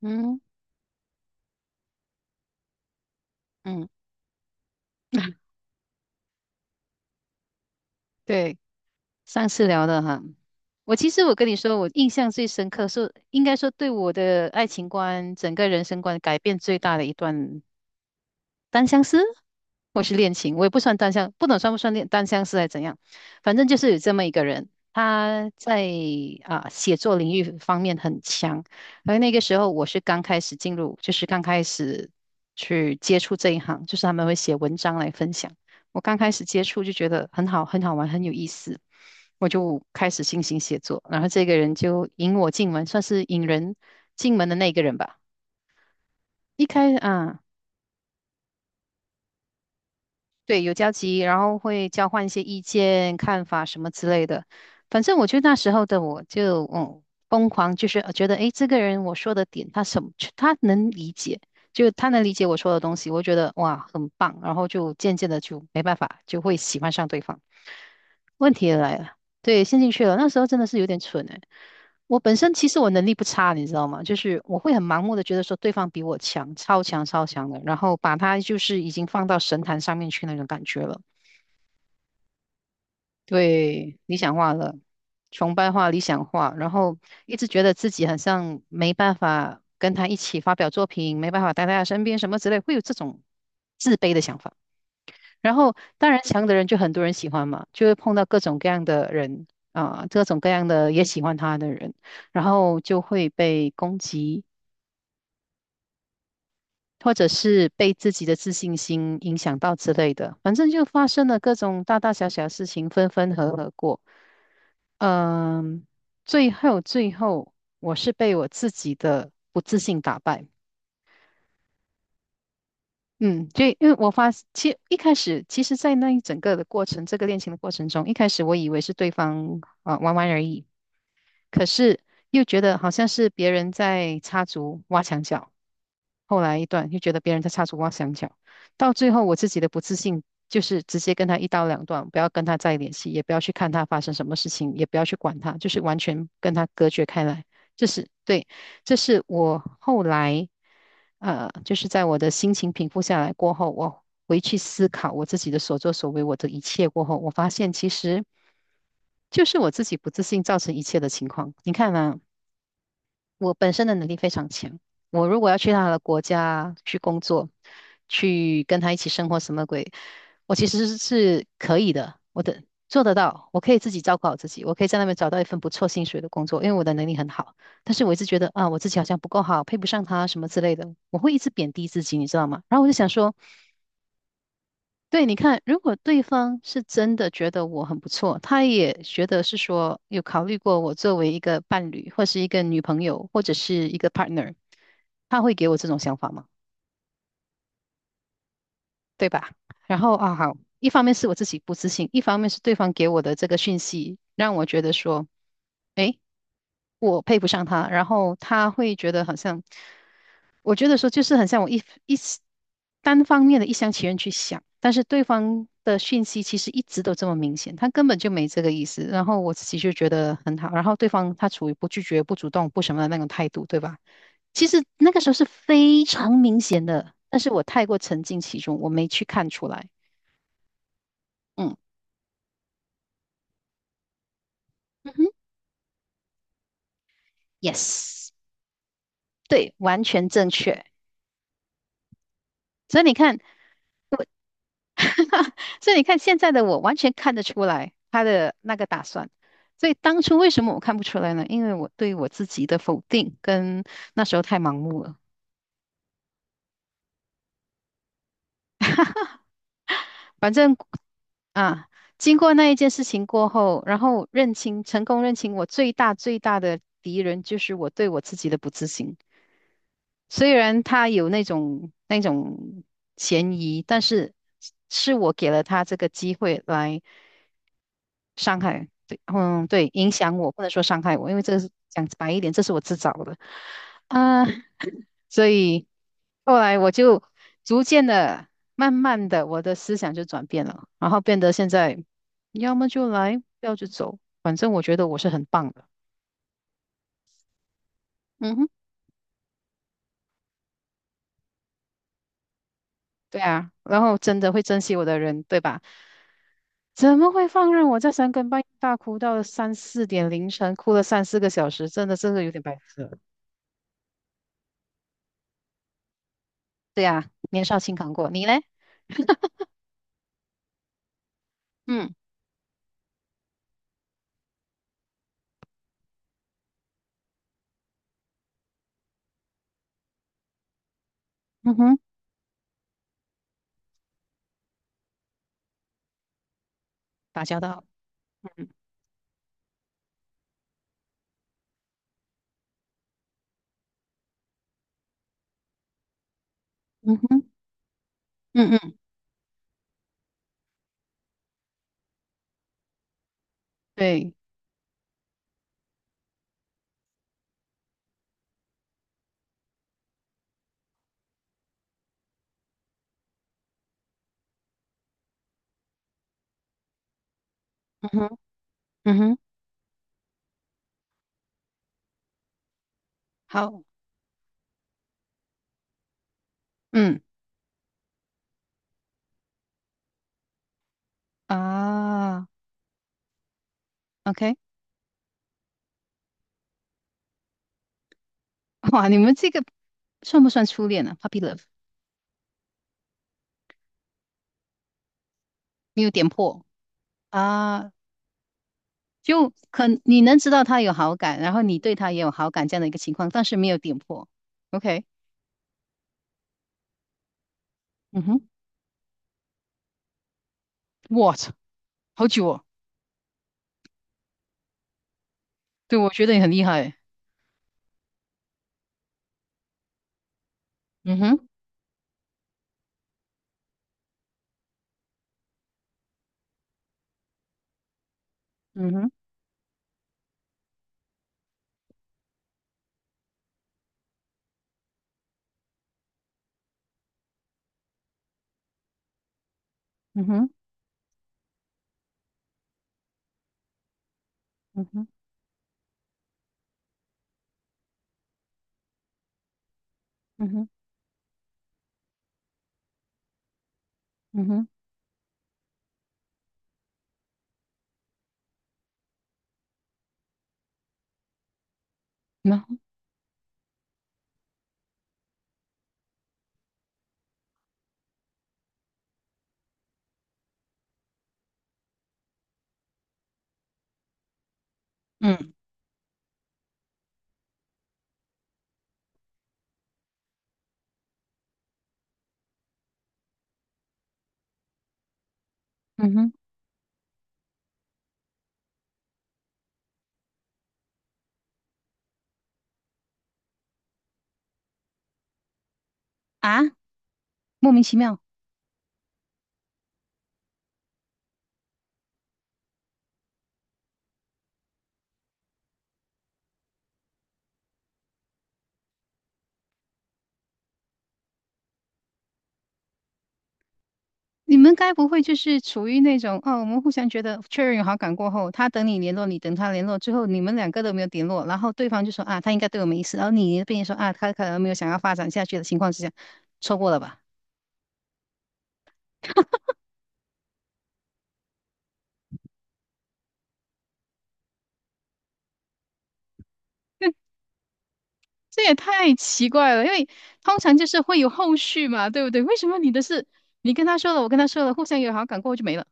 嗯嗯，对，上次聊的哈，我其实我跟你说，我印象最深刻是，应该说对我的爱情观、整个人生观改变最大的一段单相思，或是恋情，我也不算单相，不能算不算恋单相思还是怎样，反正就是有这么一个人，他在写作领域方面很强，而那个时候我是刚开始进入，就是刚开始去接触这一行，就是他们会写文章来分享，我刚开始接触就觉得很好，很好玩，很有意思。我就开始进行写作，然后这个人就引我进门，算是引人进门的那个人吧。一开啊，对，有交集，然后会交换一些意见、看法什么之类的。反正我得那时候的我就疯狂，就是觉得诶，这个人我说的点他什么他能理解，就他能理解我说的东西，我觉得哇很棒，然后就渐渐的就没办法，就会喜欢上对方。问题也来了，对，陷进去了。那时候真的是有点蠢诶，我本身其实我能力不差，你知道吗？就是我会很盲目的觉得说对方比我强，超强超强的，然后把他就是已经放到神坛上面去那种感觉了。对，理想化了，崇拜化、理想化，然后一直觉得自己好像没办法跟他一起发表作品，没办法待在他身边什么之类，会有这种自卑的想法。然后当然强的人就很多人喜欢嘛，就会碰到各种各样的人啊，各种各样的也喜欢他的人。然后就会被攻击，或者是被自己的自信心影响到之类的，反正就发生了各种大大小小的事情，分分合合过。嗯，最后最后，我是被我自己的不自信打败。嗯，就因为其实一开始，其实，在那一整个的过程，这个恋情的过程中，一开始我以为是对方啊、玩玩而已，可是又觉得好像是别人在插足挖墙脚。后来一段又觉得别人在插足挖墙脚，到最后我自己的不自信就是直接跟他一刀两断，不要跟他再联系，也不要去看他发生什么事情，也不要去管他，就是完全跟他隔绝开来。这是对，这是我后来就是在我的心情平复下来过后，我回去思考我自己的所作所为，我的一切过后，我发现其实就是我自己不自信造成一切的情况。你看啊，我本身的能力非常强，我如果要去他的国家去工作，去跟他一起生活什么鬼，我其实是可以的，我的做得到，我可以自己照顾好自己，我可以在那边找到一份不错薪水的工作，因为我的能力很好。但是我一直觉得啊，我自己好像不够好，配不上他什么之类的，我会一直贬低自己，你知道吗？然后我就想说。对，你看，如果对方是真的觉得我很不错，他也觉得是说有考虑过我作为一个伴侣，或是一个女朋友，或者是一个 partner，他会给我这种想法吗？对吧？然后啊，好，一方面是我自己不自信，一方面是对方给我的这个讯息让我觉得说，诶，我配不上他，然后他会觉得好像。我觉得说就是很像我单方面的一厢情愿去想，但是对方的讯息其实一直都这么明显，他根本就没这个意思。然后我自己就觉得很好，然后对方他处于不拒绝、不主动、不什么的那种态度，对吧？其实那个时候是非常明显的，但是我太过沉浸其中，我没去看出来。嗯嗯哼，yes，对，完全正确。所以你看。所以你看现在的我完全看得出来他的那个打算。所以当初为什么我看不出来呢？因为我对我自己的否定跟那时候太盲目了。反正啊，经过那一件事情过后，然后认清，成功认清我最大最大的敌人就是我对我自己的不自信。虽然他有那种嫌疑，但是是我给了他这个机会来。伤害，对，嗯，对，影响我，不能说伤害我，因为这个是讲白一点，这是我自找的啊，所以后来我就逐渐的、慢慢的，我的思想就转变了，然后变得现在，要么就来，不要就走，反正我觉得我是很棒的，嗯哼，对啊，然后真的会珍惜我的人，对吧？怎么会放任我在三更半夜大哭到三四点凌晨，哭了三四个小时？真的，真的有点白痴了对啊，年少轻狂过，你嘞？嗯。嗯哼，打交道，嗯嗯哼，嗯嗯，对，嗯哼嗯哼，好，嗯啊，OK，哇，你们这个算不算初恋呢？Puppy love 没有点破啊，就可你能知道他有好感，然后你对他也有好感这样的一个情况，但是没有点破，OK，嗯哼，What，好久哦，对，我觉得你很厉害，嗯哼，嗯哼，嗯哼，嗯哼，嗯哼，嗯哼，然后嗯嗯哼，啊，莫名其妙。你们该不会就是处于那种哦，我们互相觉得确认有好感过后，他等你联络，你等他联络，之后你们两个都没有联络，然后对方就说啊，他应该对我没意思，然后你那边说啊，他可能没有想要发展下去的情况之下，错过了吧？这也太奇怪了，因为通常就是会有后续嘛，对不对？为什么你的事你跟他说了，我跟他说了，互相有好感过后就没了？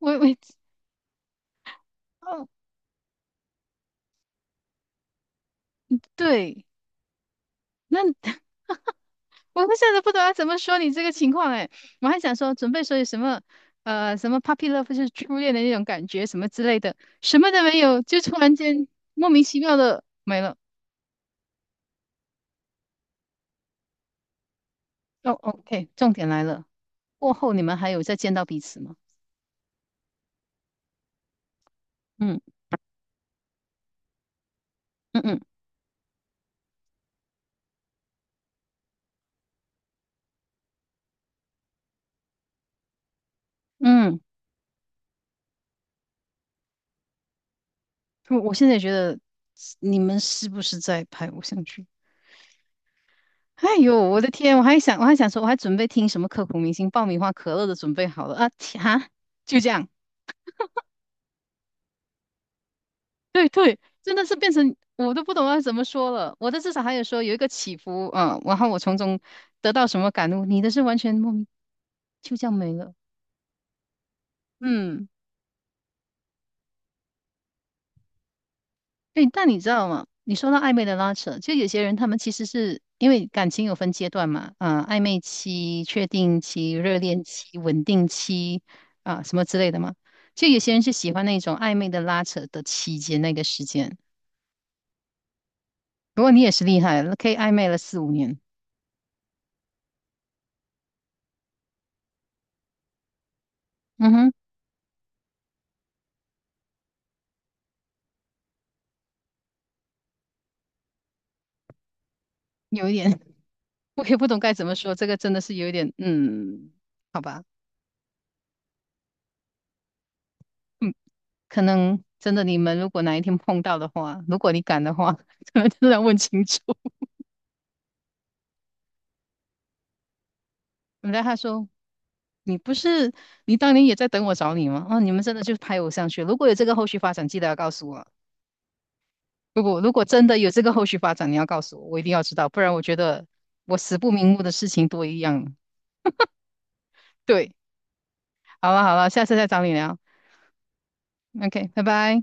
我哦，对，那 我不晓得不懂要怎么说你这个情况哎，我还想说准备说有什么什么 puppy love 就是初恋的那种感觉什么之类的，什么都没有，就突然间莫名其妙的没了。哦，OK，重点来了，过后你们还有再见到彼此吗？嗯嗯嗯嗯，我我现在也觉得你们是不是在拍偶像剧？哎呦，我的天！我还想，我还想说，我还准备听什么刻骨铭心爆米花可乐都准备好了啊！切哈，就这样。对对，真的是变成我都不懂要怎么说了。我的至少还有说有一个起伏，嗯，然后我从中得到什么感悟，你的是完全莫名就这样没了。嗯，对，但你知道吗？你说到暧昧的拉扯，就有些人他们其实是因为感情有分阶段嘛，啊、暧昧期、确定期、热恋期、稳定期啊、什么之类的嘛。就有些人是喜欢那种暧昧的拉扯的期间那个时间。不过你也是厉害了可以暧昧了四五年。嗯哼，有一点。我也不懂该怎么说，这个真的是有一点，嗯，好吧，嗯，可能真的你们如果哪一天碰到的话，如果你敢的话，可能真的要问清楚。然后他说："你不是你当年也在等我找你吗？哦，你们真的就是拍我上去。如果有这个后续发展，记得要告诉我。如果如果真的有这个后续发展，你要告诉我，我一定要知道，不然我觉得我死不瞑目的事情多一样。对，好了好了，下次再找你聊。OK，拜拜。"